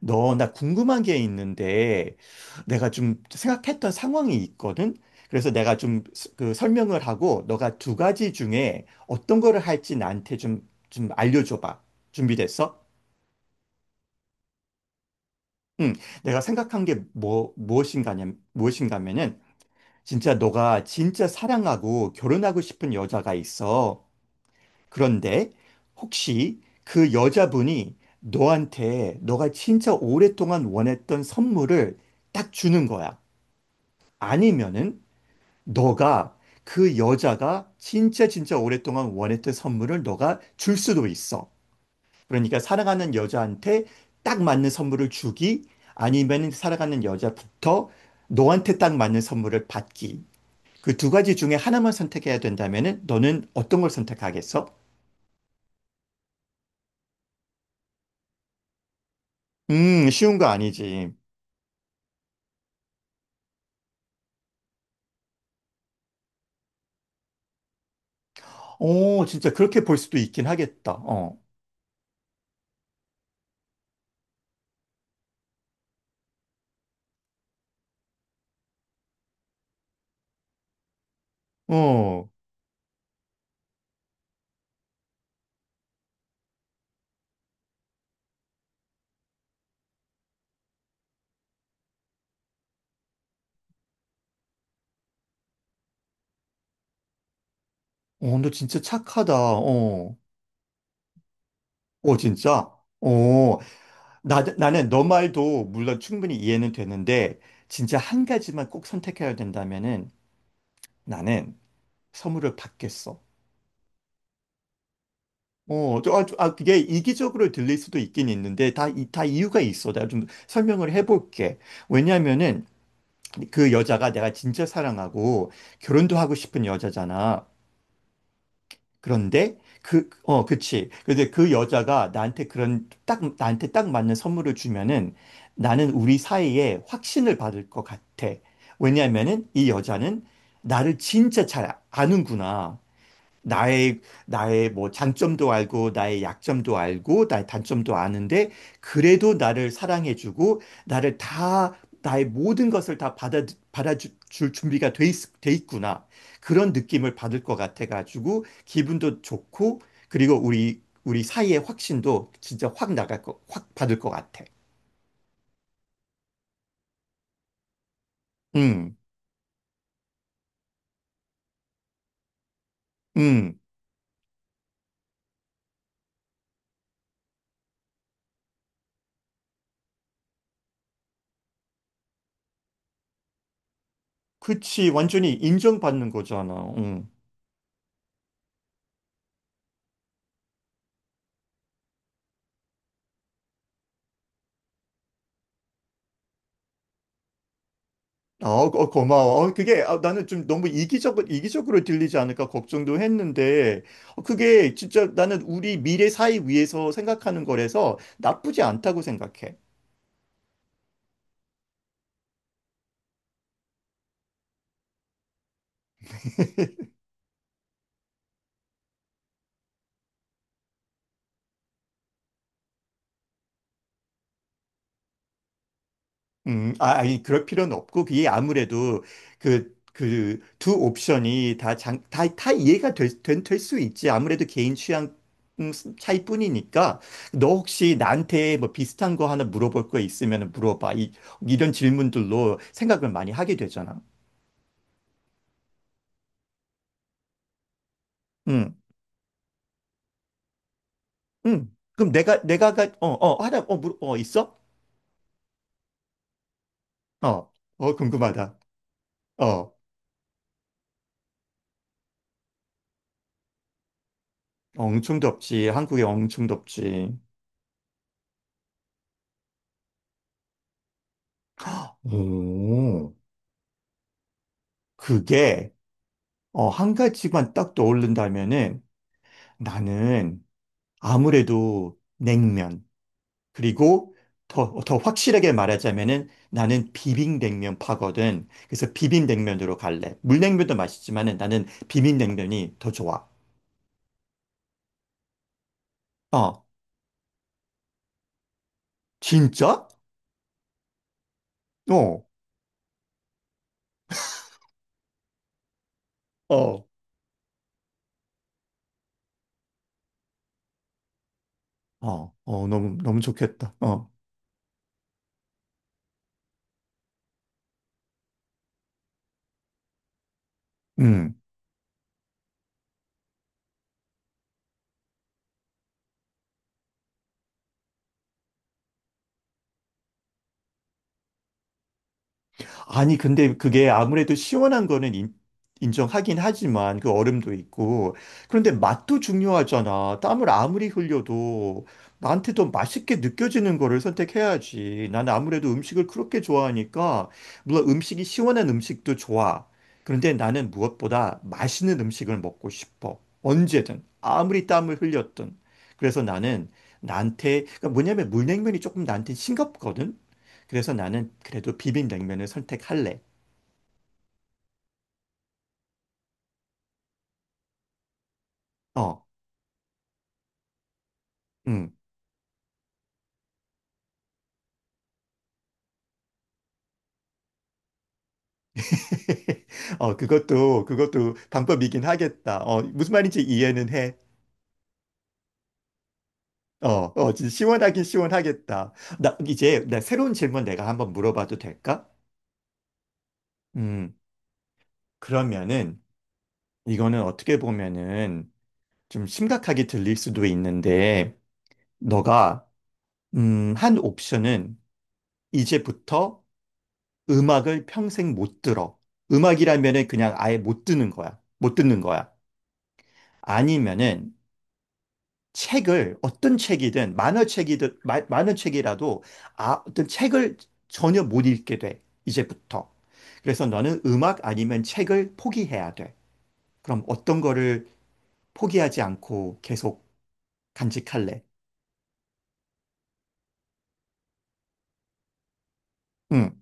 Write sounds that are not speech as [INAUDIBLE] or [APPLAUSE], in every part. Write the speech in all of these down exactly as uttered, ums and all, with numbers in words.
너, 나 궁금한 게 있는데, 내가 좀 생각했던 상황이 있거든? 그래서 내가 좀 그 설명을 하고, 너가 두 가지 중에 어떤 거를 할지 나한테 좀, 좀 알려줘봐. 준비됐어? 응. 내가 생각한 게 뭐, 무엇인가냐, 무엇인가면은, 진짜 너가 진짜 사랑하고 결혼하고 싶은 여자가 있어. 그런데, 혹시 그 여자분이 너한테 너가 진짜 오랫동안 원했던 선물을 딱 주는 거야. 아니면은 너가 그 여자가 진짜 진짜 오랫동안 원했던 선물을 너가 줄 수도 있어. 그러니까 사랑하는 여자한테 딱 맞는 선물을 주기, 아니면 사랑하는 여자부터 너한테 딱 맞는 선물을 받기. 그 두 가지 중에 하나만 선택해야 된다면은 너는 어떤 걸 선택하겠어? 음, 쉬운 거 아니지. 어, 진짜 그렇게 볼 수도 있긴 하겠다. 어, 어, 어, 너 진짜 착하다. 어. 어, 진짜. 어. 나, 나는 너 말도 물론 충분히 이해는 되는데 진짜 한 가지만 꼭 선택해야 된다면은 나는 선물을 받겠어. 어, 저, 아, 저- 아, 그게 이기적으로 들릴 수도 있긴 있는데 다, 이, 다 이유가 있어. 내가 좀 설명을 해볼게. 왜냐면은 그 여자가 내가 진짜 사랑하고 결혼도 하고 싶은 여자잖아. 그런데 그, 어, 그치. 근데 그 여자가 나한테 그런 딱, 나한테 딱 맞는 선물을 주면은 나는 우리 사이에 확신을 받을 것 같아. 왜냐면은 이 여자는 나를 진짜 잘 아는구나. 나의 나의 뭐 장점도 알고 나의 약점도 알고 나의 단점도 아는데 그래도 나를 사랑해주고 나를 다 나의 모든 것을 다 받아 받아줄 준비가 돼, 있, 돼 있구나, 그런 느낌을 받을 것 같아가지고 기분도 좋고 그리고 우리 우리 사이의 확신도 진짜 확 나갈 거, 확 받을 것 같아. 음, 음, 그치, 완전히 인정받는 거잖아. 음. 아, 어, 어, 고마워. 어, 그게, 아, 나는 좀 너무 이기적, 이기적으로 들리지 않을까 걱정도 했는데 어, 그게 진짜 나는 우리 미래 사회 위해서 생각하는 거라서 나쁘지 않다고 생각해. 음, 아, 아니, 그럴 필요는 없고 그게 아무래도 그, 그 두 옵션이 다, 장, 다, 다 이해가 될, 된- 될, 수 있지. 아무래도 개인 취향 음, 차이뿐이니까. 너 혹시 나한테 뭐 비슷한 거 하나 물어볼 거 있으면 물어봐. 이, 이런 질문들로 생각을 많이 하게 되잖아. 음. 응. 그럼 내가, 내가, 가, 어, 어, 하나, 어, 물, 어, 있어? 어, 어, 궁금하다. 어, 엄청 덥지. 한국에 엄청 덥지. 오, 그게, 어, 한 가지만 딱 떠오른다면은 나는 아무래도 냉면. 그리고 더, 더 확실하게 말하자면은 나는 비빔냉면파거든. 그래서 비빔냉면으로 갈래. 물냉면도 맛있지만은 나는 비빔냉면이 더 좋아. 어, 진짜? 어. 어. 어, 어, 너무, 너무 좋겠다. 어. 음. 아니, 근데 그게 아무래도 시원한 거는 인, 인정하긴 하지만 그 얼음도 있고. 그런데 맛도 중요하잖아. 땀을 아무리 흘려도 나한테 더 맛있게 느껴지는 거를 선택해야지. 난 아무래도 음식을 그렇게 좋아하니까, 물론 음식이 시원한 음식도 좋아. 그런데 나는 무엇보다 맛있는 음식을 먹고 싶어. 언제든. 아무리 땀을 흘렸든. 그래서 나는 나한테, 그러니까 뭐냐면 물냉면이 조금 나한테 싱겁거든? 그래서 나는 그래도 비빔냉면을 선택할래. 어, 음. [LAUGHS] 어, 그것도, 그것도 방법이긴 하겠다. 어, 무슨 말인지 이해는 해. 어, 어, 진짜 시원하긴 시원하겠다. 나, 이제, 나 새로운 질문 내가 한번 물어봐도 될까? 음, 그러면은, 이거는 어떻게 보면은 좀 심각하게 들릴 수도 있는데, 너가, 음, 한 옵션은 이제부터 음악을 평생 못 들어. 음악이라면은 그냥 아예 못 듣는 거야. 못 듣는 거야. 아니면은 책을 어떤 책이든 만화책이든 마, 만화책이라도 아, 어떤 책을 전혀 못 읽게 돼. 이제부터. 그래서 너는 음악 아니면 책을 포기해야 돼. 그럼 어떤 거를 포기하지 않고 계속 간직할래? 응.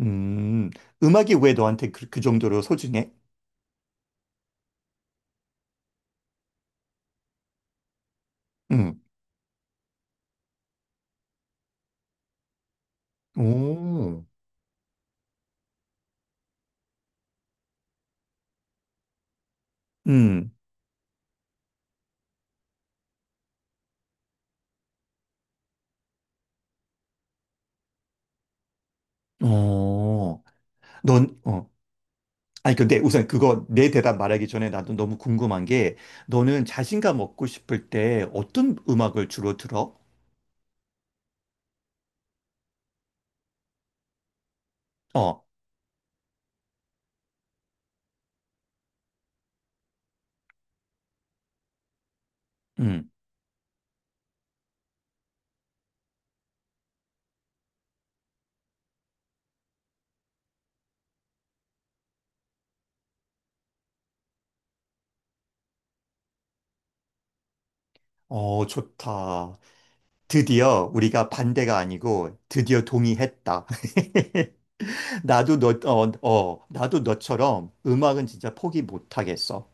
음. 음악이 왜 너한테 그, 그 정도로 소중해? 응. 오. 음. 어. 넌, 어, 아니, 근데 우선 그거 내 대답 말하기 전에 나도 너무 궁금한 게, 너는 자신감 얻고 싶을 때 어떤 음악을 주로 들어? 어. 음. 어, 좋다. 드디어 우리가 반대가 아니고 드디어 동의했다. [LAUGHS] 나도 너, 어, 어, 나도 너처럼 음악은 진짜 포기 못하겠어.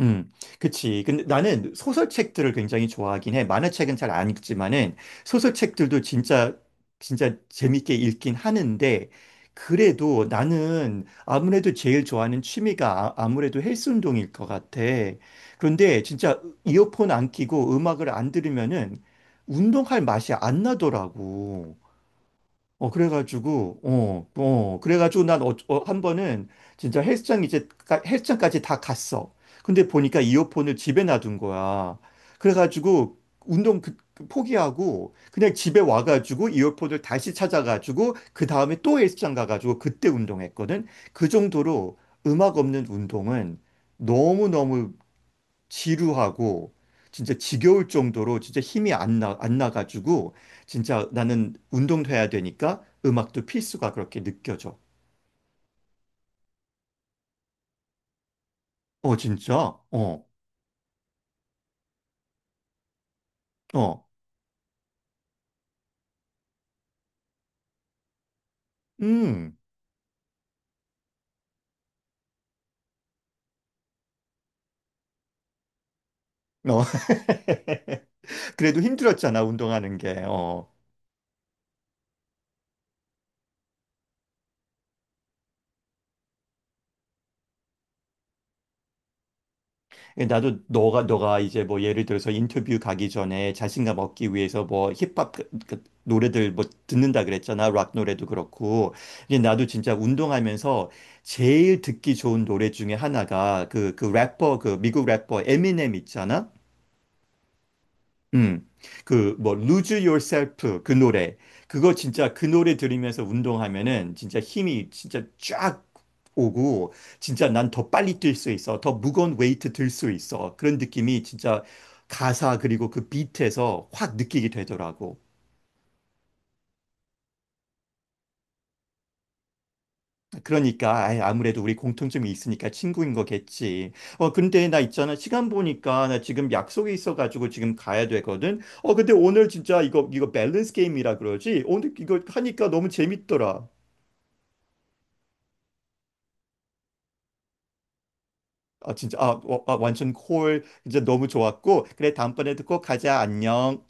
음, 그치. 근데 나는 소설책들을 굉장히 좋아하긴 해. 만화책은 잘 안 읽지만은 소설책들도 진짜, 진짜 재밌게 읽긴 하는데, 그래도 나는 아무래도 제일 좋아하는 취미가 아- 아무래도 헬스 운동일 것 같아. 그런데 진짜 이어폰 안 끼고 음악을 안 들으면은 운동할 맛이 안 나더라고. 어, 그래가지고, 어, 어, 그래가지고 난 어, 어, 한 번은 진짜 헬스장 이제, 가- 헬스장까지 다 갔어. 근데 보니까 이어폰을 집에 놔둔 거야. 그래가지고 운동 그- 그 포기하고 그냥 집에 와가지고 이어폰을 다시 찾아가지고 그 다음에 또 헬스장 가가지고 그때 운동했거든. 그 정도로 음악 없는 운동은 너무너무 지루하고 진짜 지겨울 정도로 진짜 힘이 안 나, 안 나가지고 진짜 나는 운동도 해야 되니까 음악도 필수가 그렇게 느껴져. 어, 진짜? 어, 어, 음. 어. [LAUGHS] 그래도 힘들었잖아, 운동하는 게. 어. 예, 나도 너가 너가 이제 뭐 예를 들어서 인터뷰 가기 전에 자신감 얻기 위해서 뭐 힙합 그- 그 노래들 뭐 듣는다 그랬잖아. 락 노래도 그렇고. 이데 나도 진짜 운동하면서 제일 듣기 좋은 노래 중에 하나가 그 그 래퍼 그 미국 래퍼 에미넴 있잖아. 음, 그, 뭐, Lose Yourself 그 노래. 그거 진짜 그 노래 들으면서 운동하면은 진짜 힘이 진짜 쫙 오고, 진짜 난 더 빨리 뛸 수 있어. 더 무거운 웨이트 들 수 있어. 그런 느낌이 진짜 가사 그리고 그 비트에서 확 느끼게 되더라고. 그러니까 아이, 아무래도 우리 공통점이 있으니까 친구인 거겠지. 어, 근데 나 있잖아, 시간 보니까 나 지금 약속이 있어가지고 지금 가야 되거든. 어, 근데 오늘 진짜 이거 이거 밸런스 게임이라 그러지. 오늘 이거 하니까 너무 재밌더라. 아 진짜 아, 어, 아 완전 콜. 진짜 너무 좋았고, 그래, 다음번에도 꼭 가자. 안녕.